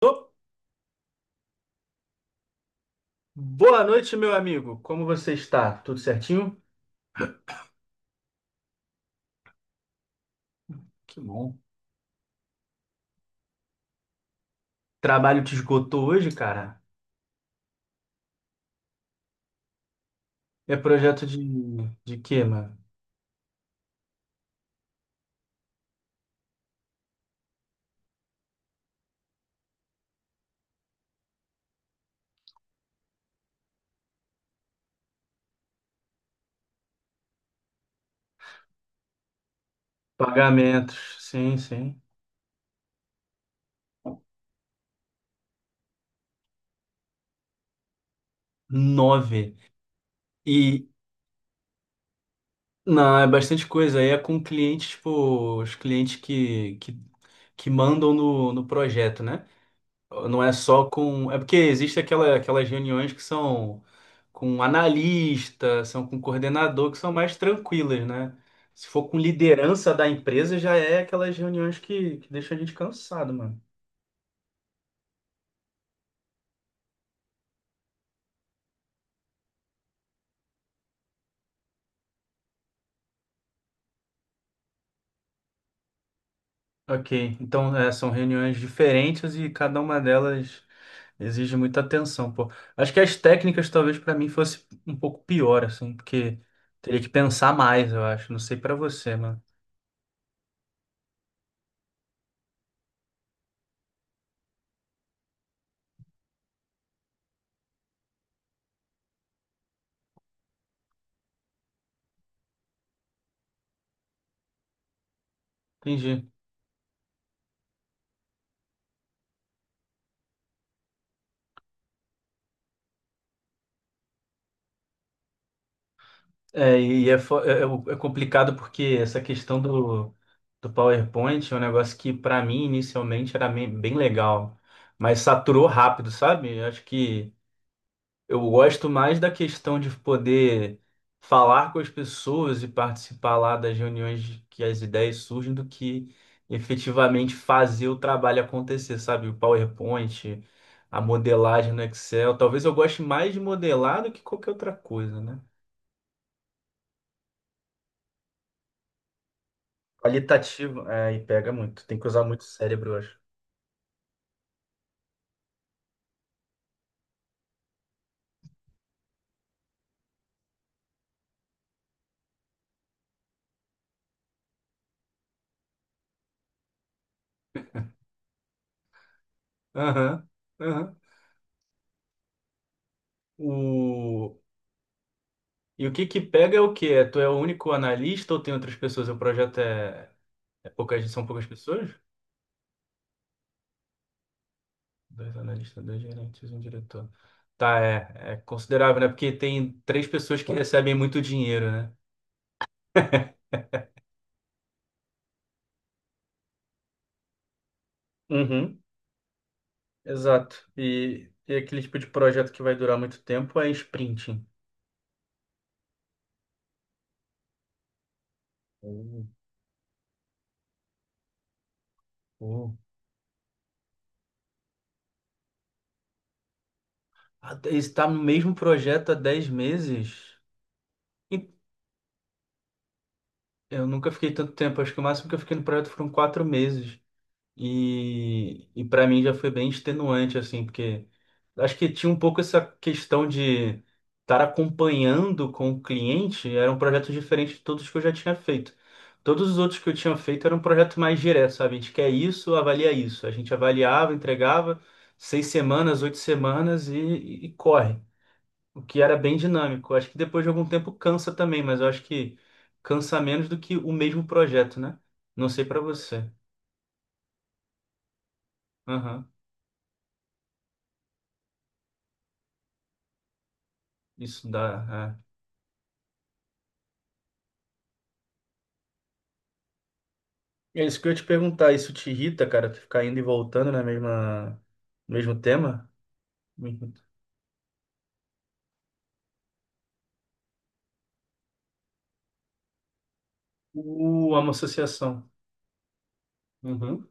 Ô, boa noite, meu amigo. Como você está? Tudo certinho? Que bom. Trabalho te esgotou hoje, cara? É projeto de quê, mano? Pagamentos. Sim, sim. Nove. E, não, é bastante coisa. Aí é com clientes, tipo, os clientes que mandam no projeto, né? Não é só com. É porque existe aquelas reuniões que são com analista, são com coordenador, que são mais tranquilas, né? Se for com liderança da empresa, já é aquelas reuniões que deixam a gente cansado, mano. Ok, então são reuniões diferentes e cada uma delas exige muita atenção, pô. Acho que as técnicas talvez pra mim fosse um pouco pior, assim, porque teria que pensar mais, eu acho. Não sei pra você, mano. Entendi. É complicado porque essa questão do PowerPoint é um negócio que, para mim, inicialmente era bem legal, mas saturou rápido, sabe? Eu acho que eu gosto mais da questão de poder falar com as pessoas e participar lá das reuniões que as ideias surgem do que efetivamente fazer o trabalho acontecer, sabe? O PowerPoint, a modelagem no Excel. Talvez eu goste mais de modelar do que qualquer outra coisa, né? Qualitativo, é, e pega muito. Tem que usar muito o cérebro, eu acho. Aham, aham. O... E o que que pega é o quê? É, tu é o único analista ou tem outras pessoas? O projeto são poucas pessoas? Dois analistas, dois gerentes, um diretor. Tá, é considerável, né? Porque tem três pessoas que recebem muito dinheiro, né? Uhum, exato. E aquele tipo de projeto que vai durar muito tempo é sprinting. Uh, uh. Ah, está no mesmo projeto há 10 meses? Eu nunca fiquei tanto tempo, acho que o máximo que eu fiquei no projeto foram 4 meses. E para mim já foi bem extenuante, assim, porque acho que tinha um pouco essa questão de estar acompanhando com o cliente, era um projeto diferente de todos que eu já tinha feito. Todos os outros que eu tinha feito era um projeto mais direto, sabe? A gente quer isso, avalia isso. A gente avaliava, entregava 6 semanas, 8 semanas e corre o que era bem dinâmico. Acho que depois de algum tempo cansa também, mas eu acho que cansa menos do que o mesmo projeto, né? Não sei pra você. Aham, isso dá. É. É isso que eu ia te perguntar. Isso te irrita, cara? Tu ficar indo e voltando na mesma, no mesmo tema? Me irrita. É uma associação. Uhum.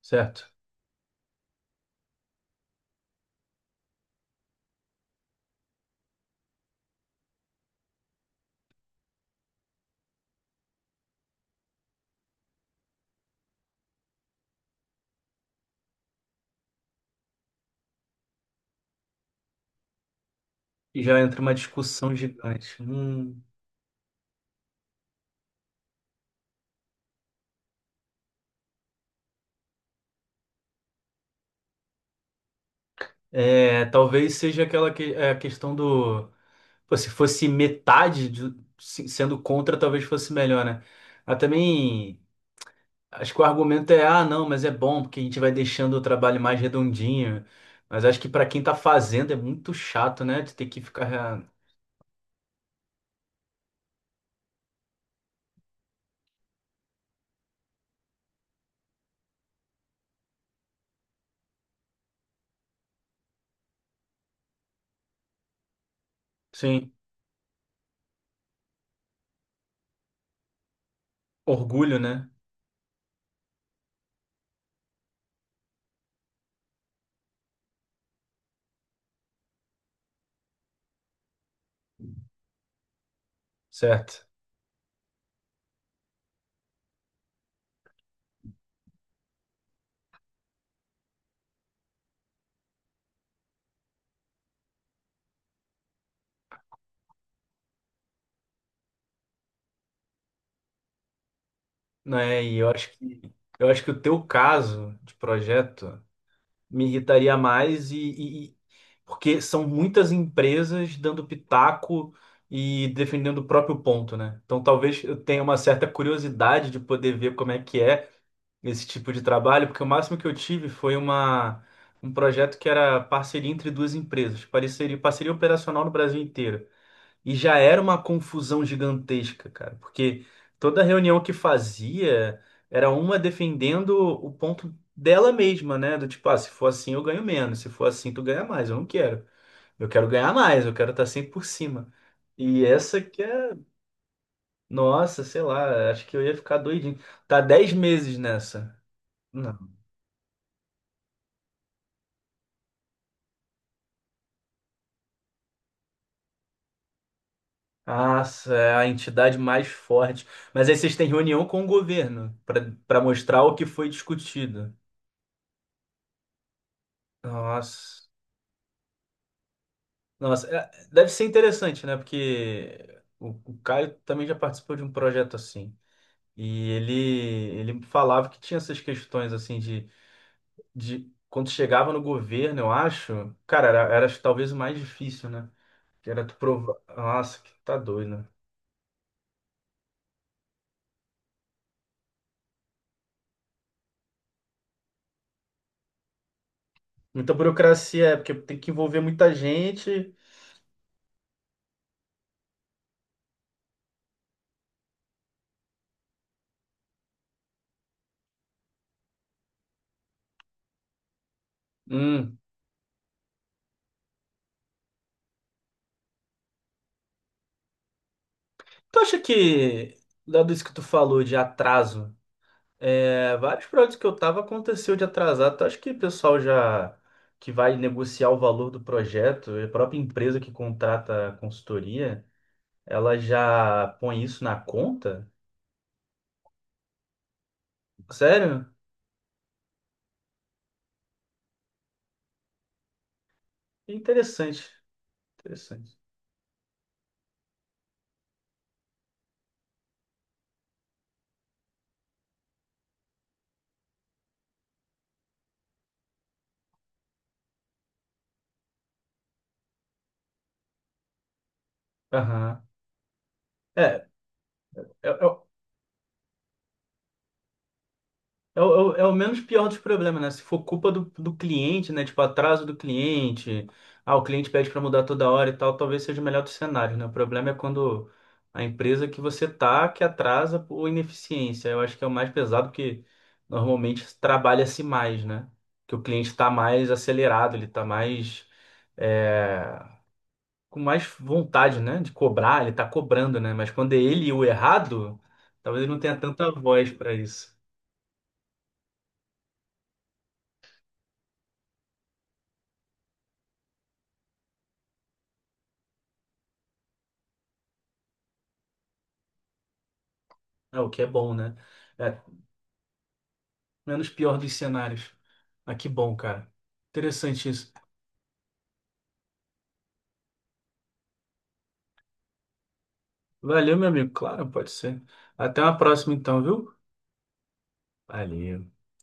Certo. E já entra uma discussão gigante. Hum. É, talvez seja aquela que, é, a questão do. Pô, se fosse metade sendo contra, talvez fosse melhor, né? Mas também acho que o argumento é, ah, não, mas é bom, porque a gente vai deixando o trabalho mais redondinho. Mas acho que pra quem tá fazendo é muito chato, né? De ter que ficar sem orgulho, né? Certo. Não é, e eu acho que o teu caso de projeto. Me irritaria mais e porque são muitas empresas dando pitaco e defendendo o próprio ponto, né? Então talvez eu tenha uma certa curiosidade de poder ver como é que é esse tipo de trabalho, porque o máximo que eu tive foi uma um projeto que era parceria entre duas empresas, parceria, parceria operacional no Brasil inteiro. E já era uma confusão gigantesca, cara, porque toda reunião que fazia era uma defendendo o ponto dela mesma, né? Do tipo, ah, se for assim eu ganho menos, se for assim tu ganha mais, eu não quero. Eu quero ganhar mais, eu quero estar sempre por cima. E essa que é, nossa, sei lá, acho que eu ia ficar doidinho. Tá 10 meses nessa. Não. Nossa, é a entidade mais forte. Mas aí vocês têm reunião com o governo para mostrar o que foi discutido. Nossa. Nossa, deve ser interessante, né? Porque o Caio também já participou de um projeto assim. E ele falava que tinha essas questões assim de quando chegava no governo, eu acho, cara, era talvez o mais difícil, né? Que era tu provar. Nossa, que tá doido, né? Muita burocracia, é, porque tem que envolver muita gente. Hum. Tu acha que, dado isso que tu falou de atraso, é, vários projetos que eu tava aconteceu de atrasar. Então, acho que o pessoal já que vai negociar o valor do projeto, a própria empresa que contrata a consultoria, ela já põe isso na conta? Sério? Interessante, interessante. Aham. É, é, é o menos pior dos problemas, né? Se for culpa do cliente, né? Tipo, atraso do cliente, o cliente pede para mudar toda hora e tal, talvez seja o melhor dos cenários, né? O problema é quando a empresa que você tá que atrasa por ineficiência. Eu acho que é o mais pesado, porque normalmente trabalha-se mais, né? Que o cliente está mais acelerado, ele está mais, é, com mais vontade, né? De cobrar, ele está cobrando, né? Mas quando é ele o errado, talvez ele não tenha tanta voz para isso. É o que é bom, né? É, menos pior dos cenários. Ah, que bom, cara. Interessante isso. Valeu, meu amigo. Claro, pode ser. Até uma próxima, então, viu? Valeu.